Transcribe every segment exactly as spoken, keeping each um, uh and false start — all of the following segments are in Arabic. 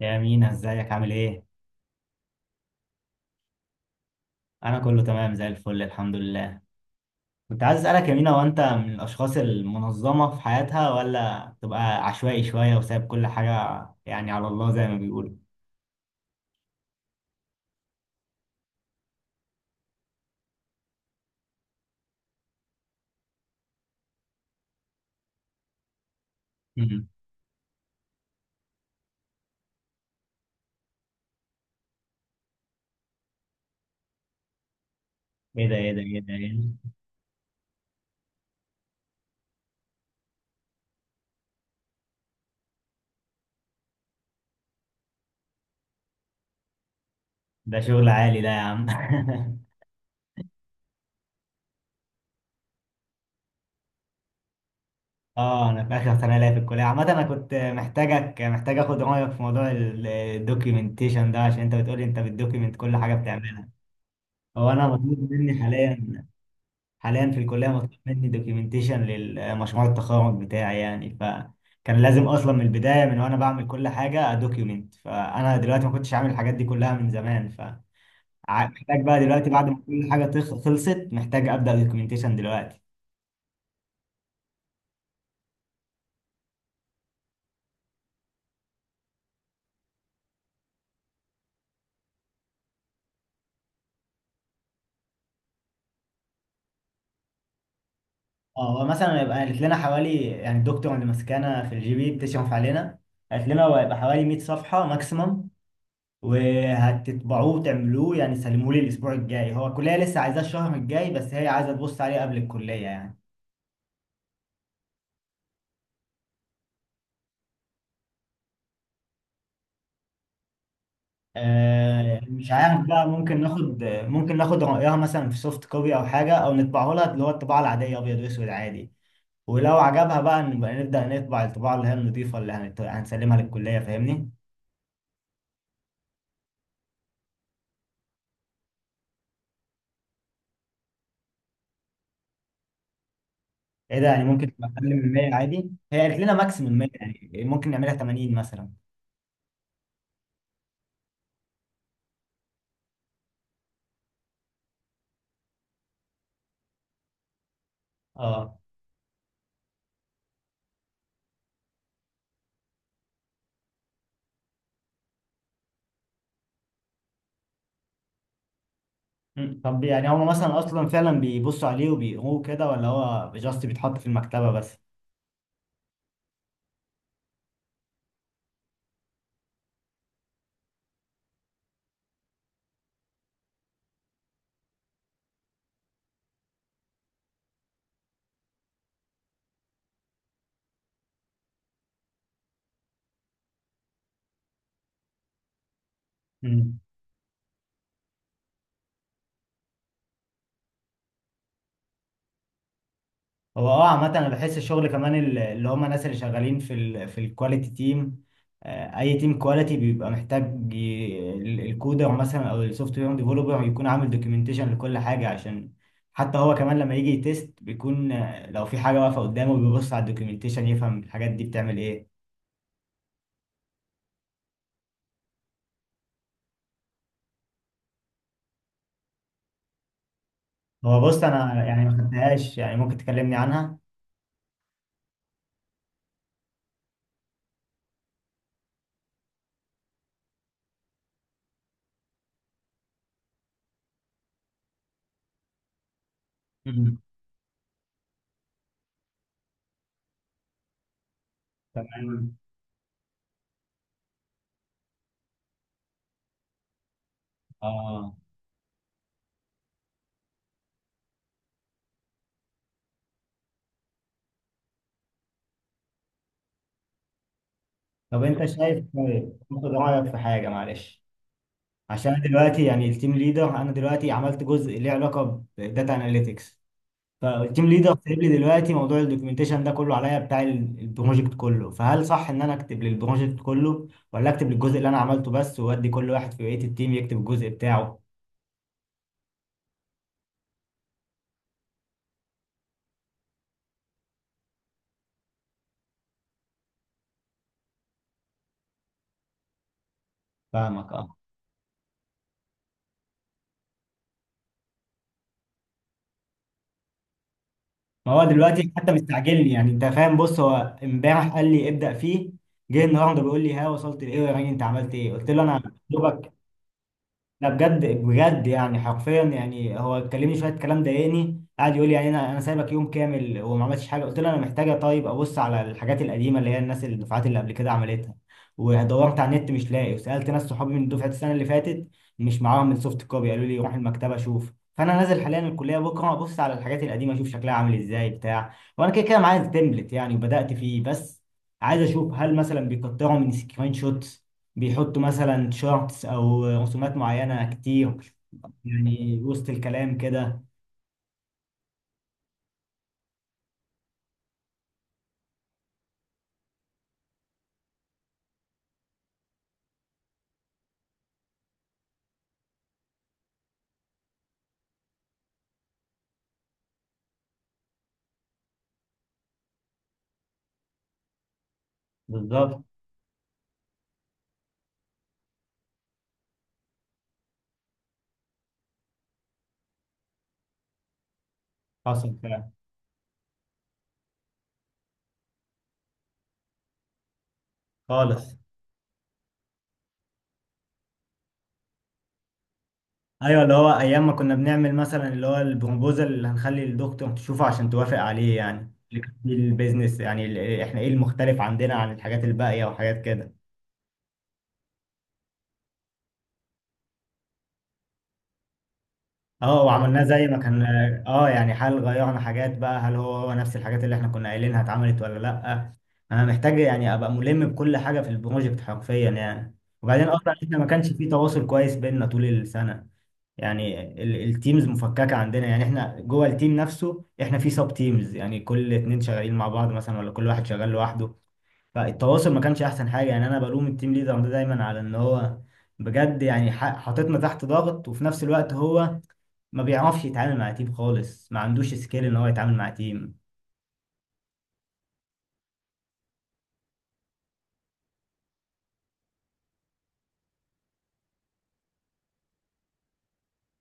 يا مينا ازيك عامل ايه؟ انا كله تمام زي الفل الحمد لله. كنت عايز اسالك يا مينا، هو انت من الاشخاص المنظمه في حياتها ولا تبقى عشوائي شويه وسايب كل حاجه يعني على الله زي ما بيقولوا. مم. ايه ده ايه ده ايه ده ايه ده ده شغل عالي ده يا عم. اه انا في اخر سنه ليا في الكليه. عامه انا كنت محتاجك، محتاج اخد رايك في موضوع ال- الدوكيومنتيشن ده عشان انت بتقولي انت بتدوكيومنت كل حاجه بتعملها. هو انا مطلوب مني حاليا، حاليا في الكليه مطلوب مني دوكيومنتيشن للمشروع التخرج بتاعي، يعني فكان لازم اصلا من البدايه من وانا بعمل كل حاجه ادوكيومنت، فانا دلوقتي ما كنتش عامل الحاجات دي كلها من زمان. فمحتاج بقى دلوقتي بعد ما كل حاجه تخ- خلصت، محتاج ابدا دوكيومنتيشن دلوقتي. اه هو مثلا هيبقى قالت لنا حوالي، يعني الدكتور اللي ماسكانا في الجي بي بتشرف علينا، قالت لنا هو هيبقى حوالي مية صفحه ماكسيمم وهتطبعوه وتعملوه يعني سلموه لي الاسبوع الجاي. هو الكليه لسه عايزاه الشهر الجاي بس هي عايزه تبص عليه قبل الكليه يعني. آه، مش عارف بقى، ممكن ناخد، ممكن ناخد رأيها مثلا في سوفت كوبي أو حاجة، أو نطبعه لها اللي هو الطباعة العادية أبيض وأسود عادي، ولو عجبها بقى نبقى نبدأ نطبع الطباعة اللي هي النضيفة اللي هنت- هنسلمها للكلية. فاهمني؟ إيه ده، يعني ممكن تبقى أقل من مية عادي، هي قالت لنا ماكسيمم مية يعني، ممكن نعملها تمانين مثلا. أه. مم. طب يعني هما مثلا أصلا فعلا بيبصوا عليه وبيقروه كده ولا هو جاست بيتحط في المكتبة بس؟ هو اه عامة انا بحس الشغل كمان ال- اللي هم الناس اللي شغالين في ال في الكواليتي تيم، آه، اي تيم كواليتي بيبقى محتاج ي- ال- الكودر مثلا او السوفت وير ديفلوبر يكون عامل دوكيومنتيشن لكل حاجة، عشان حتى هو كمان لما يجي يتست بيكون، آه، لو في حاجة واقفة قدامه بيبص على الدوكيومنتيشن يفهم الحاجات دي بتعمل ايه. هو بص انا يعني ما خدتهاش، يعني ممكن تكلمني عنها. مم. تمام. اه طب انت شايف، طيب، باخد رأيك في حاجة معلش. عشان أنا دلوقتي يعني التيم ليدر، انا دلوقتي عملت جزء ليه علاقه بداتا اناليتكس، فالتيم ليدر سايب لي دلوقتي موضوع الدوكيومنتيشن ده كله عليا، بتاع ال- البروجكت كله. فهل صح ان انا اكتب للبروجكت كله ولا اكتب للجزء اللي انا عملته بس، وادي كل واحد في بقيه التيم يكتب الجزء بتاعه؟ فاهمك اه. ما هو دلوقتي حتى مستعجلني، يعني انت فاهم، بص هو امبارح قال لي ابدا فيه، جه النهارده بيقول لي ها وصلت لايه يا راجل، انت عملت ايه؟ قلت له انا دوبك. لا بجد بجد يعني، حرفيا يعني هو كلمني شويه كلام ضايقني، قعد يقول لي يعني انا انا سايبك يوم كامل وما عملتش حاجه. قلت له انا محتاجه طيب ابص على الحاجات القديمه اللي هي الناس الدفعات اللي قبل كده عملتها، ودورت على النت مش لاقي، وسالت ناس صحابي من دفعه السنه اللي فاتت مش معاهم السوفت كوبي، قالوا لي روح المكتبه شوف. فانا نازل حاليا الكليه بكره ابص على الحاجات القديمه اشوف شكلها عامل ازاي بتاع، وانا كده كده معايا التمبلت يعني وبدات فيه، بس عايز اشوف هل مثلا بيكتروا من سكرين شوت، بيحطوا مثلا شورتس او رسومات معينه كتير يعني وسط الكلام كده. بالظبط، حصل فعلا، خالص. ايوه اللي هو ايام ما كنا بنعمل مثلا اللي هو البروبوزال اللي هنخلي الدكتور تشوفه عشان توافق عليه، يعني اللي كان فيه البيزنس، يعني ال- احنا ايه المختلف عندنا عن الحاجات الباقيه وحاجات كده. اه وعملناه زي ما كان. اه يعني هل غيرنا حاجات بقى، هل هو هو نفس الحاجات اللي احنا كنا قايلينها اتعملت ولا لا. انا محتاج يعني ابقى ملم بكل حاجه في البروجكت حرفيا يعني. وبعدين اصلا احنا ما كانش في تواصل كويس بيننا طول السنه، يعني ال- التيمز مفككه عندنا، يعني احنا جوه التيم نفسه احنا في سب تيمز، يعني كل اتنين شغالين مع بعض مثلا ولا كل واحد شغال لوحده. فالتواصل ما كانش احسن حاجه. يعني انا بلوم التيم ليدر ده دايما على ان هو بجد يعني ح- حاططنا تحت ضغط، وفي نفس الوقت هو ما بيعرفش يتعامل مع تيم خالص، ما عندوش سكيل ان هو يتعامل مع تيم.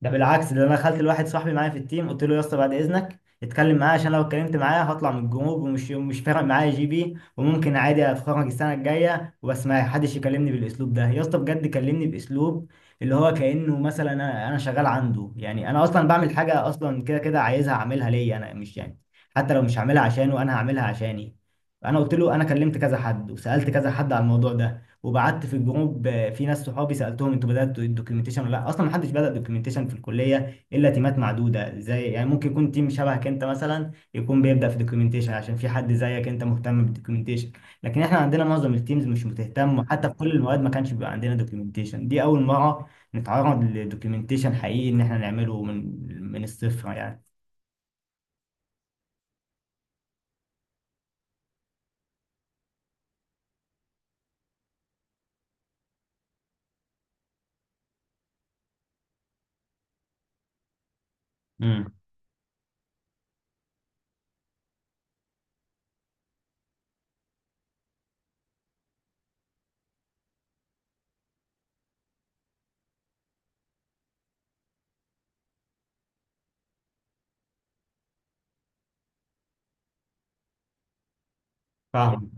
ده بالعكس، ده انا دخلت لواحد صاحبي معايا في التيم قلت له يا اسطى بعد اذنك اتكلم معايا، عشان لو اتكلمت معايا هطلع من الجروب، ومش مش فارق معايا جي بي وممكن عادي اتخرج السنه الجايه وبس، ما حدش يكلمني بالاسلوب ده. يا اسطى بجد كلمني باسلوب اللي هو كانه مثلا انا انا شغال عنده، يعني انا اصلا بعمل حاجه اصلا كده كده عايزها اعملها ليا انا، مش يعني حتى لو مش هعملها عشانه، انا هعملها عشاني. انا قلت له انا كلمت كذا حد وسالت كذا حد على الموضوع ده، وبعت في الجروب، آه، في ناس صحابي سالتهم انتوا بداتوا الدوكيومنتيشن ولا لا. اصلا ما حدش بدا دوكيومنتيشن في الكليه الا تيمات معدوده، زي يعني ممكن يكون تيم شبهك انت مثلا يكون بيبدا في دوكيومنتيشن عشان في حد زيك انت مهتم بالدوكيومنتيشن، لكن احنا عندنا معظم التيمز مش بتهتم، وحتى في كل المواد ما كانش بيبقى عندنا دوكيومنتيشن. دي اول مره نتعرض لدوكيومنتيشن حقيقي ان احنا نعمله من من الصفر يعني. امم. فاهم.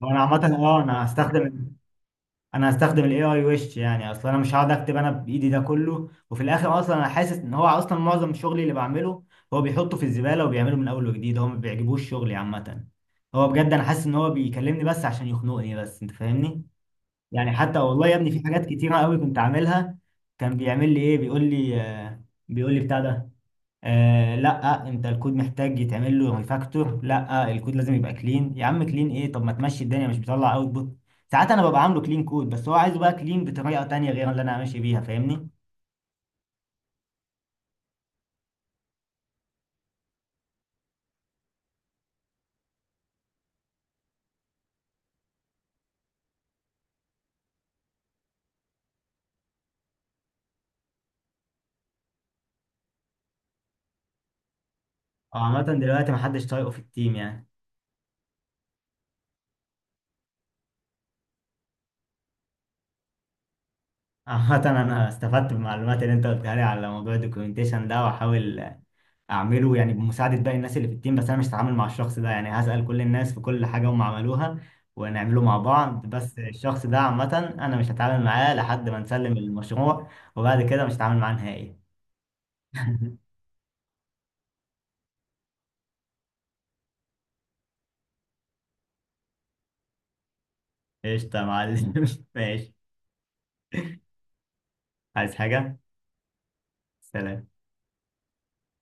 وانا عامه اه انا هستخدم، انا هستخدم الاي اي وش يعني، اصلا انا مش هقعد اكتب انا بايدي ده كله. وفي الاخر اصلا انا حاسس ان هو اصلا معظم شغلي اللي بعمله هو بيحطه في الزباله وبيعمله من اول وجديد، هو ما بيعجبوش شغلي عامه. هو بجد انا حاسس ان هو بيكلمني بس عشان يخنقني بس، انت فاهمني يعني، حتى والله يا ابني في حاجات كتيره قوي كنت عاملها كان بيعمل لي ايه، بيقول لي آه، بيقول لي بتاع ده آه لا انت الكود محتاج يتعمل له ريفاكتور، لا الكود لازم يبقى كلين. يا عم كلين ايه، طب ما تمشي الدنيا، مش بيطلع اوتبوت. ساعات انا ببقى عامله كلين كود بس هو عايزه بقى كلين بطريقه تانية غير اللي انا ماشي بيها، فاهمني؟ هو عامه دلوقتي محدش طايقه في التيم يعني. عامة أنا استفدت بالمعلومات اللي أنت قلتها لي على موضوع الدوكيومنتيشن ده، وأحاول أعمله يعني بمساعدة باقي الناس اللي في التيم، بس أنا مش هتعامل مع الشخص ده، يعني هسأل كل الناس في كل حاجة هم عملوها ونعمله مع بعض، بس الشخص ده عامة أنا مش هتعامل معاه لحد ما نسلم المشروع، وبعد كده مش هتعامل معاه نهائي. قشطة يا معلم. ماشي. عايز حاجة؟ سلام.